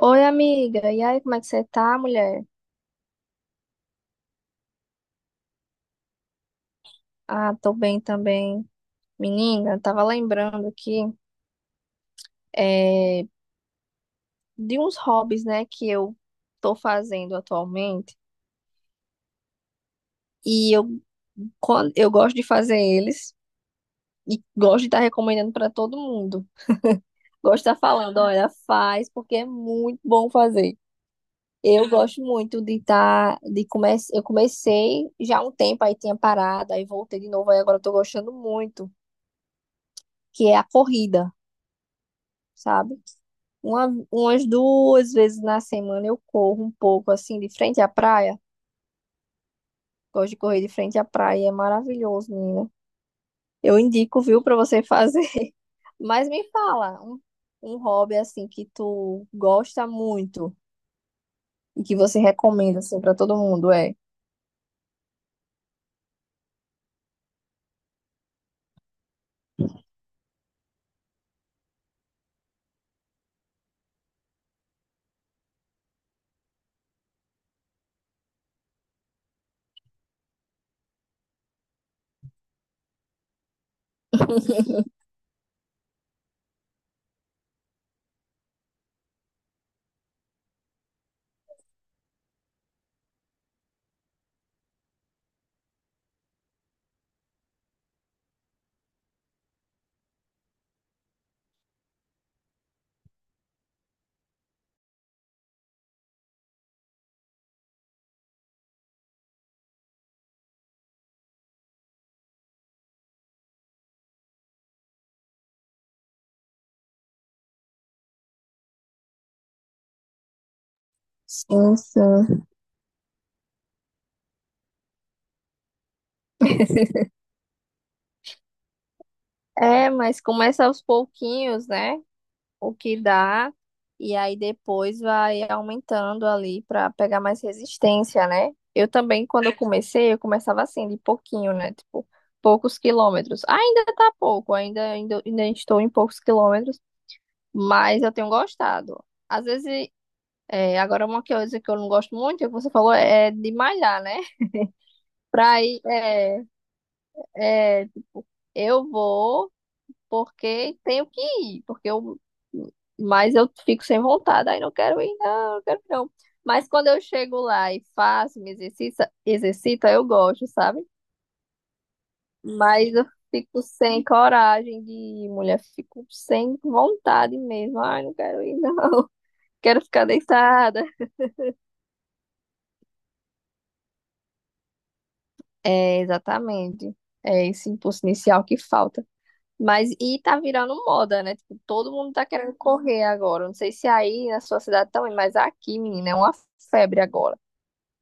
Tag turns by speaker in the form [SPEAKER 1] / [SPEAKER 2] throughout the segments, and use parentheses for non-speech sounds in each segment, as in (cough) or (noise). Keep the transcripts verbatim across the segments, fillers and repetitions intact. [SPEAKER 1] Oi, amiga. E aí, como é que você tá, mulher? Ah, tô bem também. Menina, eu tava lembrando aqui é, de uns hobbies, né, que eu tô fazendo atualmente. E eu, quando, eu gosto de fazer eles e gosto de estar recomendando pra todo mundo. Gosto de estar falando, olha, faz, porque é muito bom fazer. Eu gosto muito de estar, de comece, eu comecei já há um tempo, aí tinha parado, aí voltei de novo, aí agora eu tô gostando muito, que é a corrida. Sabe? Uma, umas duas vezes na semana eu corro um pouco assim de frente à praia. Gosto de correr de frente à praia, é maravilhoso, menina. Eu indico, viu, pra você fazer. (laughs) Mas me fala, um, um hobby assim que tu gosta muito e que você recomenda assim para todo mundo, é? Sim, sim. É, mas começa aos pouquinhos, né? O que dá, e aí depois vai aumentando ali para pegar mais resistência, né? Eu também, quando eu comecei, eu começava assim, de pouquinho, né? Tipo, poucos quilômetros. Ainda tá pouco, ainda, ainda, ainda estou em poucos quilômetros, mas eu tenho gostado. Às vezes, é, agora uma coisa que eu não gosto muito, é o que você falou, é de malhar, né? (laughs) Pra ir, é, é, tipo, eu vou. Porque tenho que ir, porque eu, mas eu fico sem vontade, aí não quero ir, não, não quero ir, não. Mas quando eu chego lá e faço, me exercita, exercita, eu gosto, sabe? Mas eu fico sem coragem de ir, mulher, fico sem vontade mesmo. Ai, não quero ir, não. (laughs) Quero ficar deitada. É, exatamente. É esse impulso inicial que falta. Mas e tá virando moda, né? Tipo, todo mundo tá querendo correr agora. Não sei se aí na sua cidade também, mas aqui, menina, é uma febre agora.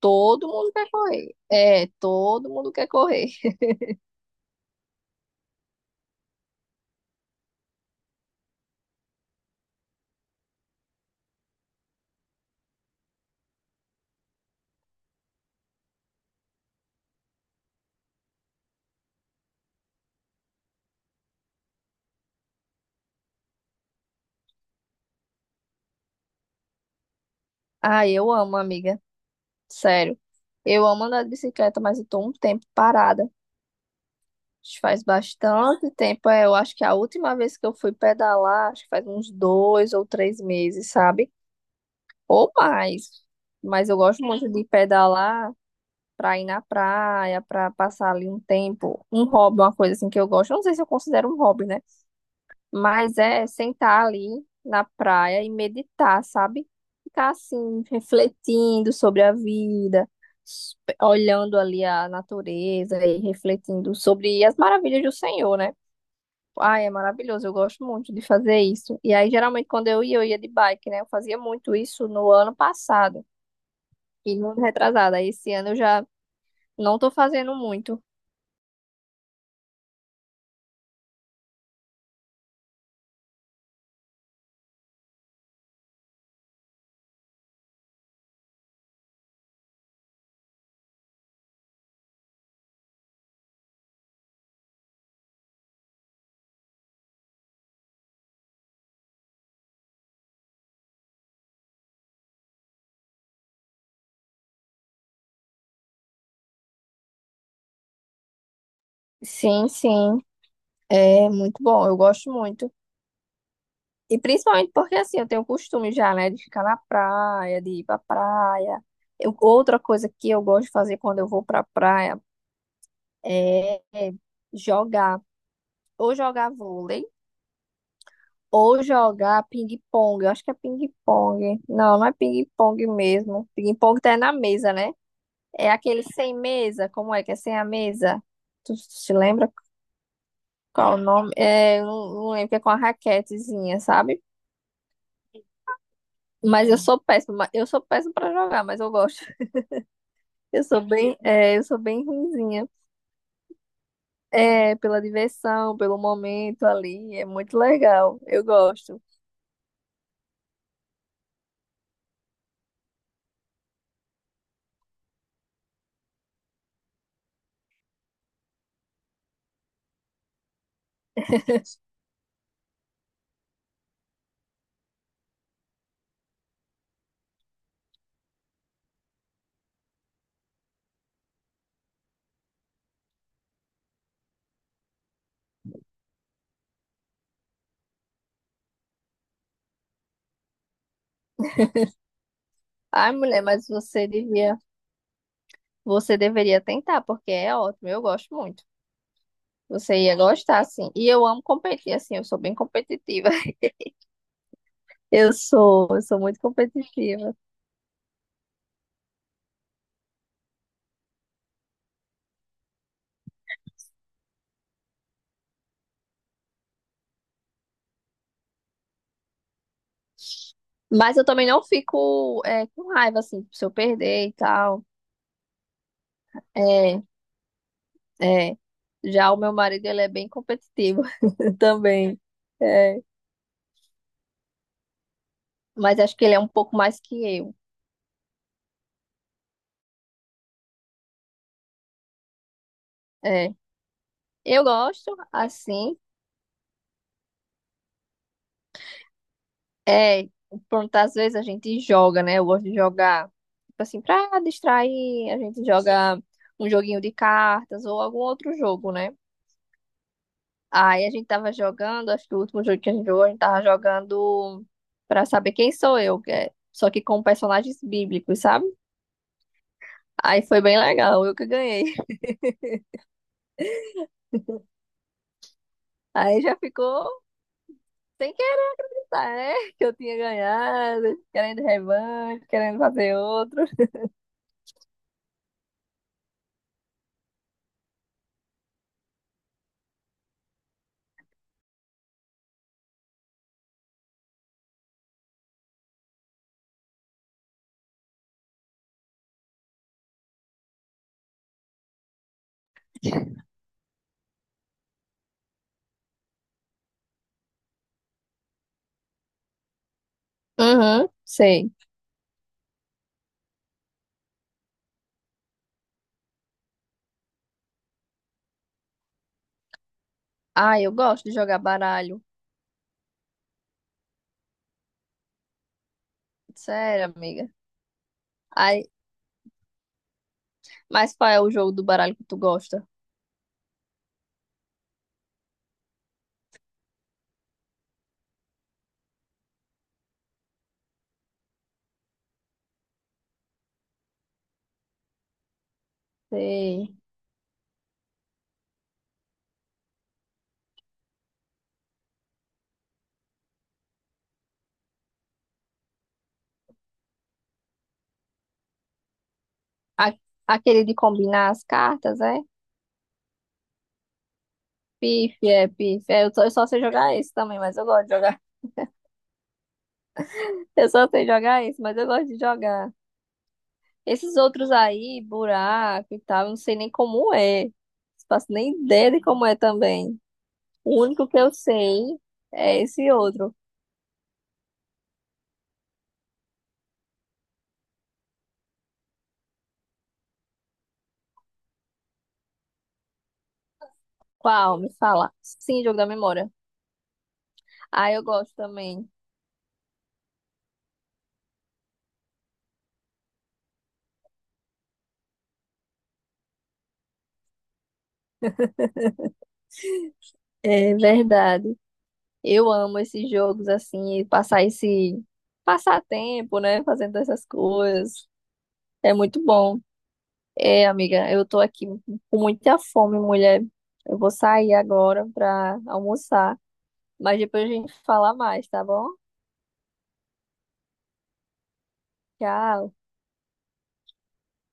[SPEAKER 1] Todo mundo quer correr. É, todo mundo quer correr. Ah, eu amo, amiga. Sério. Eu amo andar de bicicleta, mas eu tô um tempo parada. Acho que faz bastante tempo. É, eu acho que a última vez que eu fui pedalar, acho que faz uns dois ou três meses, sabe? Ou mais. Mas eu gosto muito de pedalar. Pra ir na praia, pra passar ali um tempo, um hobby, uma coisa assim que eu gosto. Eu não sei se eu considero um hobby, né? Mas é sentar ali na praia e meditar, sabe? Ficar assim, refletindo sobre a vida, s- olhando ali a natureza e refletindo sobre as maravilhas do Senhor, né? Ai, é maravilhoso, eu gosto muito de fazer isso. E aí, geralmente, quando eu ia, eu ia de bike, né? Eu fazia muito isso no ano passado e no ano retrasado. Aí, esse ano eu já não tô fazendo muito. Sim, sim, é muito bom, eu gosto muito. E principalmente porque assim, eu tenho o costume já, né, de ficar na praia, de ir pra praia. Eu- outra coisa que eu gosto de fazer quando eu vou pra praia é jogar, ou jogar vôlei, ou jogar ping-pong. Eu acho que é ping-pong. Não, não é ping-pong mesmo. Ping-pong tá na mesa, né? É aquele sem mesa, como é que é sem a mesa? Tu se lembra qual o nome? É, eu não, não lembro, que é com a raquetezinha, sabe? Mas eu sou péssima, eu sou péssima pra jogar, mas eu gosto. Eu sou bem, é, eu sou bem ruinzinha. É, pela diversão, pelo momento ali, é muito legal. Eu gosto. Ai, mulher, mas você devia, você deveria tentar, porque é ótimo, eu gosto muito. Você ia gostar, assim. E eu amo competir, assim, eu sou bem competitiva. (laughs) Eu sou, eu sou muito competitiva. Mas eu também não fico, é, com raiva, assim, se eu perder e tal. É. É. Já o meu marido, ele é bem competitivo (laughs) também. É. Mas acho que ele é um pouco mais que eu. É. Eu gosto, assim, é, pronto, às vezes a gente joga, né? Eu gosto de jogar, tipo assim, pra distrair, a gente joga um joguinho de cartas ou algum outro jogo, né? Aí a gente tava jogando, acho que o último jogo que a gente jogou, a gente tava jogando pra saber quem sou eu, que é- só que com personagens bíblicos, sabe? Aí foi bem legal, eu que ganhei. Aí já ficou sem querer, tá, né? Que eu tinha ganhado, querendo revanche, querendo fazer outro. Uhum, sei. Ah, eu gosto de jogar baralho. Sério, amiga. Aí, mas qual é o jogo do baralho que tu gosta? Sei. A- aquele de combinar as cartas, é? Pife, é, pife. É, eu, só, eu só sei jogar esse também, mas eu gosto de jogar. (laughs) Eu só sei jogar esse, mas eu gosto de jogar. Esses outros aí, buraco e tal, eu não sei nem como é. Não faço nem ideia de como é também. O único que eu sei é esse outro. Qual? Me fala. Sim, jogo da memória. Ah, eu gosto também. É verdade. Eu amo esses jogos assim, e passar esse passar tempo, né, fazendo essas coisas. É muito bom. É, amiga, eu tô aqui com muita fome, mulher. Eu vou sair agora pra almoçar, mas depois a gente fala mais, tá bom? Tchau.